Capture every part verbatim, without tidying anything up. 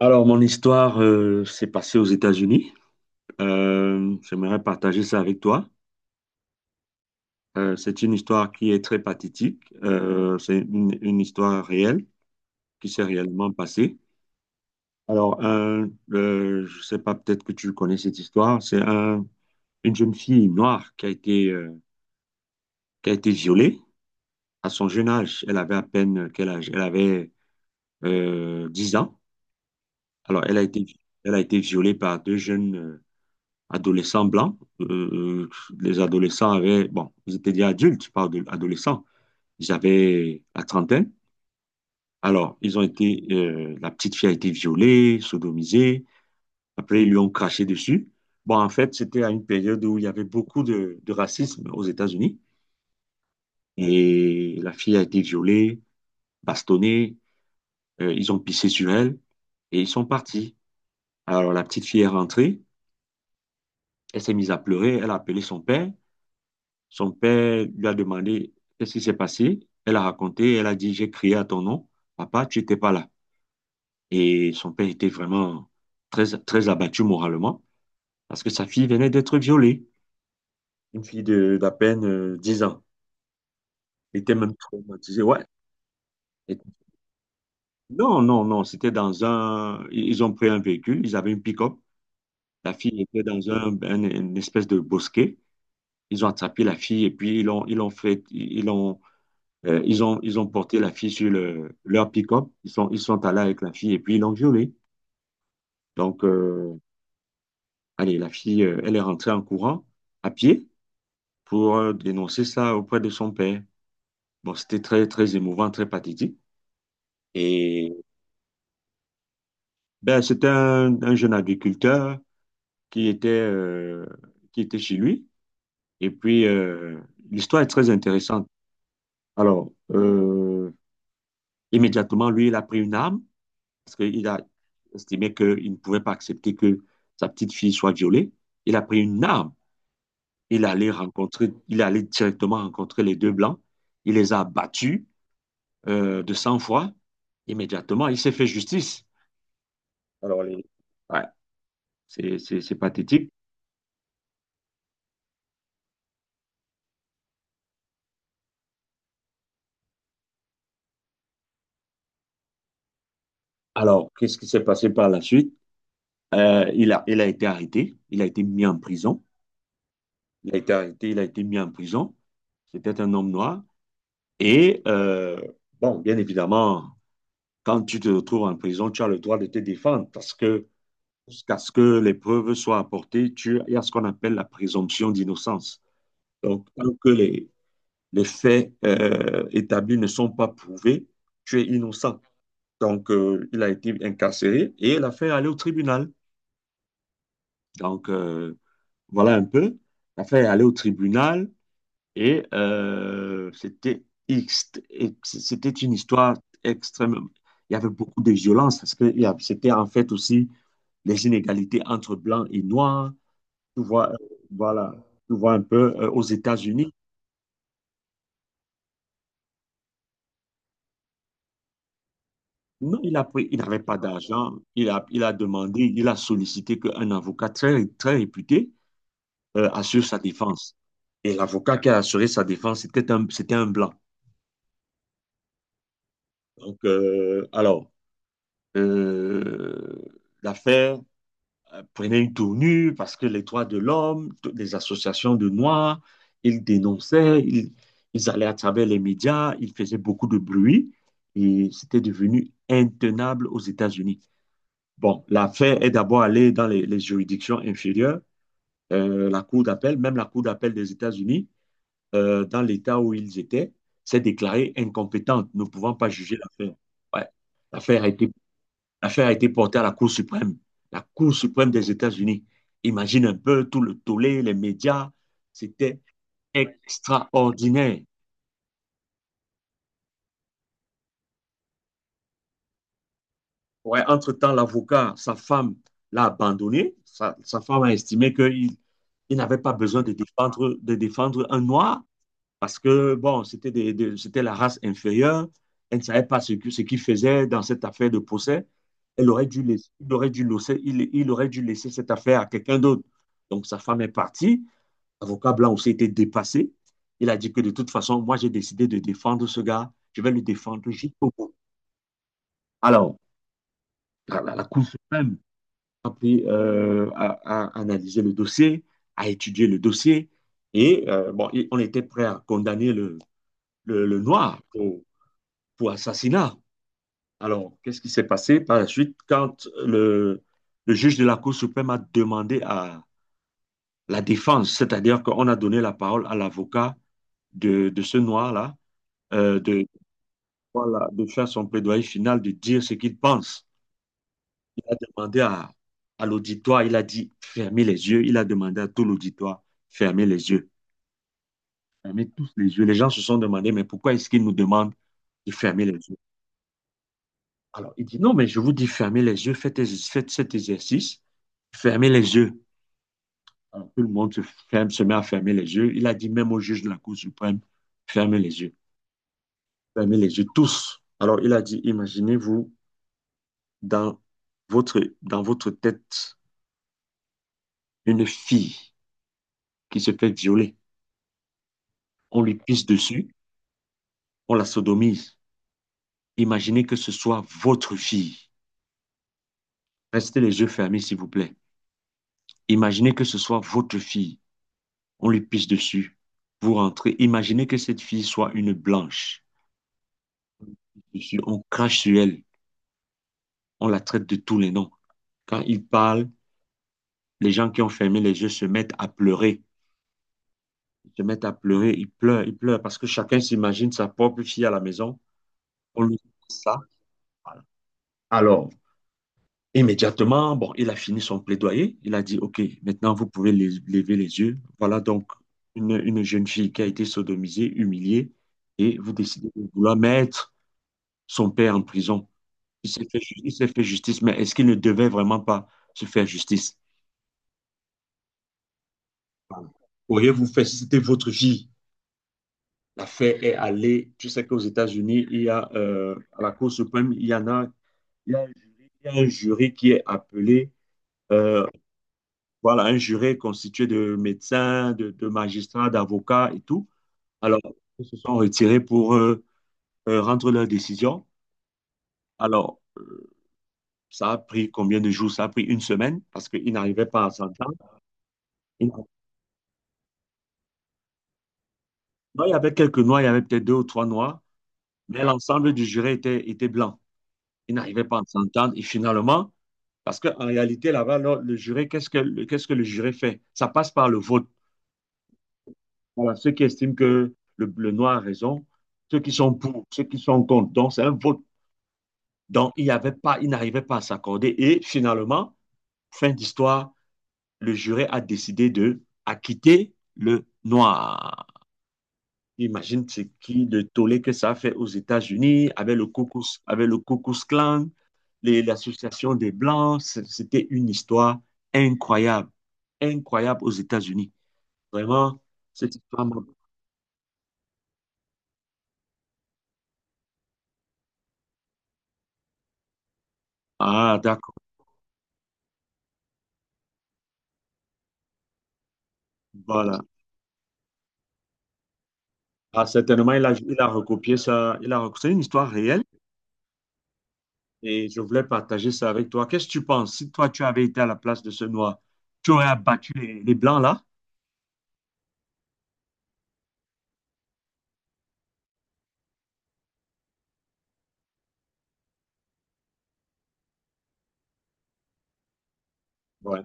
Alors, mon histoire euh, s'est passée aux États-Unis. Euh, j'aimerais partager ça avec toi. Euh, c'est une histoire qui est très pathétique. Euh, c'est une, une histoire réelle qui s'est réellement passée. Alors, un, euh, je ne sais pas, peut-être que tu connais cette histoire. C'est un- une jeune fille noire qui a été, euh, qui a été violée à son jeune âge. Elle avait à peine quel âge? Elle avait euh, dix ans. Alors, elle a été, elle a été violée par deux jeunes, euh, adolescents blancs. Euh, les adolescents avaient, bon, ils étaient déjà adultes, pas ado- d'adolescents, ils avaient la trentaine. Alors, ils ont été, euh, la petite fille a été violée, sodomisée. Après, ils lui ont craché dessus. Bon, en fait, c'était à une période où il y avait beaucoup de, de racisme aux États-Unis. Et la fille a été violée, bastonnée. Euh, ils ont pissé sur elle et ils sont partis. Alors, la petite fille est rentrée. Elle s'est mise à pleurer. Elle a appelé son père. Son père lui a demandé qu'est-ce qui s'est passé. Elle a raconté, elle a dit, j'ai crié à ton nom, papa, tu n'étais pas là. Et son père était vraiment très, très abattu moralement parce que sa fille venait d'être violée. Une fille de, d'à peine euh, dix ans. Elle était même traumatisée, ouais. Et- non, non, non, c'était dans un... Ils ont pris un véhicule, ils avaient une pick-up. La fille était dans un, un- une espèce de bosquet. Ils ont attrapé la fille et puis ils l'ont, ils l'ont fait, ils l'ont... Euh, ils ont, ils ont porté la fille sur le- leur pick-up. Ils sont, ils sont allés avec la fille et puis ils l'ont violée. Donc, euh, Allez, la fille, euh, elle est rentrée en courant à pied pour euh, dénoncer ça auprès de son père. Bon, c'était très, très émouvant, très pathétique. Et ben, c'était un, un jeune agriculteur qui était, euh, qui était chez lui. Et puis, euh, l'histoire est très intéressante. Alors, euh, Immédiatement, lui, il a pris une arme, parce qu'il a estimé qu'il ne pouvait pas accepter que sa petite fille soit violée. Il a pris une arme. Il allait rencontrer, il allait directement rencontrer les deux blancs. Il les a battus euh, de sang-froid. Immédiatement, il s'est fait justice. Alors, les... ouais, c'est, c'est- c'est pathétique. Alors, qu'est-ce qui s'est passé par la suite? Euh, il a, il a été arrêté. Il a été mis en prison. Il a été arrêté. Il a été mis en prison. C'était un homme noir. Et, euh, bon, bien évidemment, quand tu te retrouves en prison, tu as le droit de te défendre, parce que jusqu'à ce que les preuves soient apportées, tu, il y a ce qu'on appelle la présomption d'innocence. Donc, tant que les, les faits euh, établis ne sont pas prouvés, tu es innocent. Donc, euh, il a été incarcéré et l'affaire est allée au tribunal. Donc, euh, voilà un peu. L'affaire est allée au tribunal et euh, c'était ext- ex- c'était une histoire extrêmement. Il y avait beaucoup de violence parce que il y a- c'était en fait aussi les inégalités entre blancs et noirs. Tu vois, euh, voilà, tu vois un peu euh, aux États-Unis. Non, il a pris- il n'avait pas d'argent. Il a, il a demandé, il a sollicité qu'un avocat très, très réputé euh, assure sa défense. Et l'avocat qui a assuré sa défense, c'était un, c'était un blanc. Donc, euh, alors, euh, L'affaire euh, prenaient une tournure, parce que les droits de l'homme, toutes les associations de Noirs, ils dénonçaient, ils, ils allaient à travers les médias, ils faisaient beaucoup de bruit et c'était devenu intenable aux États-Unis. Bon, l'affaire est d'abord allée dans les, les juridictions inférieures, euh, la Cour d'appel, même la Cour d'appel des États-Unis, euh, dans l'État où ils étaient, s'est déclarée incompétente, ne pouvant pas juger l'affaire. Ouais. L'affaire a été L'affaire a été portée à la Cour suprême, la Cour suprême des États-Unis. Imagine un peu tout le tollé, les médias. C'était extraordinaire. Ouais, entre-temps, l'avocat, sa femme l'a abandonné. Sa, sa femme a estimé qu'il il n'avait pas besoin de défendre, de défendre un noir parce que, bon, c'était des- des- c'était la race inférieure. Elle ne savait pas ce que- ce qu'il faisait dans cette affaire de procès. Elle aurait dû laisser, Il aurait dû laisser, il, il aurait dû laisser cette affaire à quelqu'un d'autre. Donc, sa femme est partie. Avocat blanc aussi était dépassé. Il a dit que de toute façon, moi, j'ai décidé de défendre ce gars. Je vais le défendre jusqu'au bout. Alors, la, la Cour suprême a, pris, euh, a, a analysé le dossier, a étudié le dossier. Et euh, bon, on était prêt à condamner le, le, le noir pour, pour, assassinat. Alors, qu'est-ce qui s'est passé par la suite quand le, le juge de la Cour suprême a demandé à la défense, c'est-à-dire qu'on a donné la parole à l'avocat de, de, ce noir-là, euh, de, voilà, de faire son plaidoyer final, de dire ce qu'il pense. Il a demandé à, à l'auditoire, il a dit fermez les yeux, il a demandé à tout l'auditoire, fermez les yeux, fermez tous les yeux. Les gens se sont demandé, mais pourquoi est-ce qu'il nous demande de fermer les yeux? Alors, il dit, non, mais je vous dis fermez les yeux, faites, faites cet exercice, fermez les yeux. Alors, tout le monde se, ferme, se met à fermer les yeux. Il a dit même au juge de la Cour suprême, fermez les yeux, fermez les yeux tous. Alors, il a dit, imaginez-vous dans votre, dans votre tête une fille qui se fait violer, on lui pisse dessus, on la sodomise. Imaginez que ce soit votre fille. Restez les yeux fermés, s'il vous plaît. Imaginez que ce soit votre fille. On lui pisse dessus. Vous rentrez. Imaginez que cette fille soit une blanche. Dessus, on crache sur elle. On la traite de tous les noms. Quand ils parlent, les gens qui ont fermé les yeux se mettent à pleurer. Ils se mettent à pleurer. Ils pleurent, ils pleurent parce que chacun s'imagine sa propre fille à la maison. On lui dit ça. Voilà. Alors, immédiatement, bon, il a fini son plaidoyer. Il a dit, OK, maintenant vous pouvez les- lever les yeux. Voilà donc une, une jeune fille qui a été sodomisée, humiliée, et vous décidez de vouloir mettre son père en prison. Il s'est fait, ju- il s'est fait justice, mais est-ce qu'il ne devait vraiment pas se faire justice? Voilà. Auriez-vous fait si c'était votre fille? L'affaire est allée. Tu sais qu'aux États-Unis, il y a euh, à la Cour suprême, il y en a, il y a un jury, il y a un jury qui est appelé euh, voilà, un jury constitué de médecins, de, de magistrats, d'avocats et tout. Alors, ils se sont retirés pour euh, euh, rendre leur décision. Alors, ça a pris combien de jours? Ça a pris une semaine parce qu'ils n'arrivaient pas à s'entendre. Ils n'arrivaient- Non, il y avait quelques noirs, il y avait peut-être deux ou trois noirs, mais l'ensemble du jury était, était blanc. Ils n'arrivaient pas à s'entendre. Et finalement, parce qu'en réalité, là-bas, le, le jury, qu'est-ce que, le- qu'est-ce que le jury fait? Ça passe par le vote. Voilà, ceux qui estiment que le, le noir a raison, ceux qui sont pour, ceux qui sont contre. Donc, c'est un vote. Donc, il y avait pas, il n'arrivait pas à s'accorder. Et finalement, fin d'histoire, le jury a décidé de acquitter le noir. Imagine ce qui le tollé que ça a fait aux États-Unis avec le Ku Klux- avec le Ku Klux Klan, les- l'association des Blancs. C'est- C'était une histoire incroyable, incroyable aux États-Unis. Vraiment, cette histoire. m'a- Ah, d'accord. Voilà. Ah, certainement, il a, il a recopié ça. Il a, rec- c'est une histoire réelle et je voulais partager ça avec toi. Qu'est-ce que tu penses? Si toi, tu avais été à la place de ce noir, tu aurais abattu les, les blancs là? Ouais.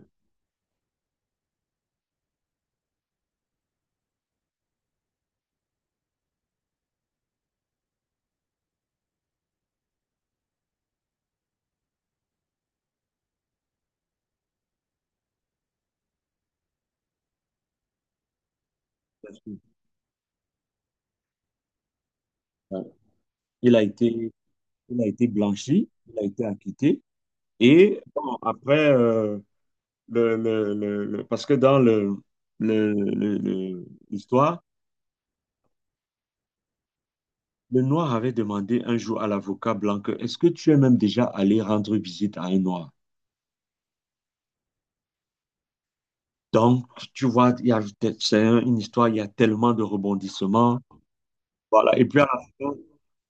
Ouais. Il a été, il a été blanchi, il a été acquitté. Et bon, après, euh, le, le- le- le- parce que dans le, le- le- le- l'histoire, le noir avait demandé un jour à l'avocat blanc que, est-ce que tu es même déjà allé rendre visite à un noir? Donc, tu vois, il y a, c'est un- une histoire, il y a tellement de rebondissements. Voilà. Et puis à la fin,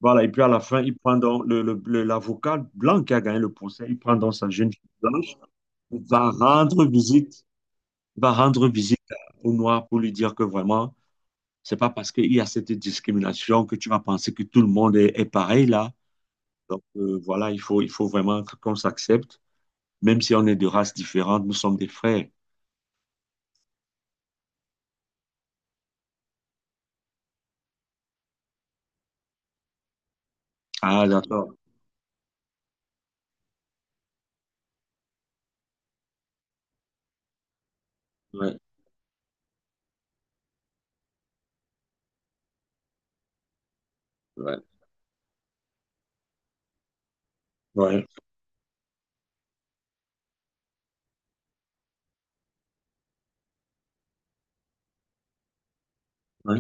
voilà. Et puis à la fin, il prend donc le, le- le- l'avocat blanc qui a gagné le procès, il prend donc sa jeune fille blanche, il va rendre visite, il va rendre visite au noir pour lui dire que vraiment, c'est pas parce qu'il y a cette discrimination que tu vas penser que tout le monde est, est pareil là. Donc euh, voilà, il faut, il faut vraiment qu'on s'accepte, même si on est de races différentes, nous sommes des frères. Ah, d'accord. Ouais, ouais, ouais, ouais,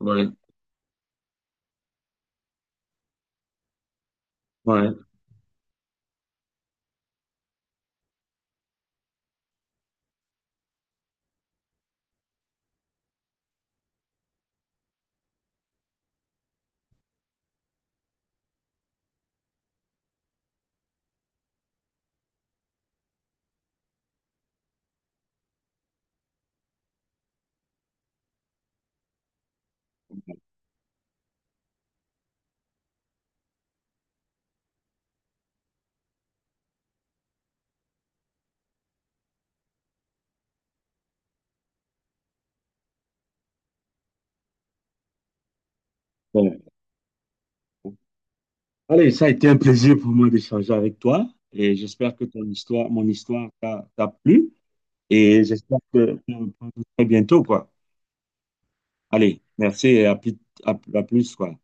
ouais. Ouais, bon. Allez, ça a été un plaisir pour moi d'échanger avec toi et j'espère que ton histoire, mon histoire t'a t'a plu et j'espère que que- que très bientôt, quoi. Allez, merci et à plus, à à plus, quoi.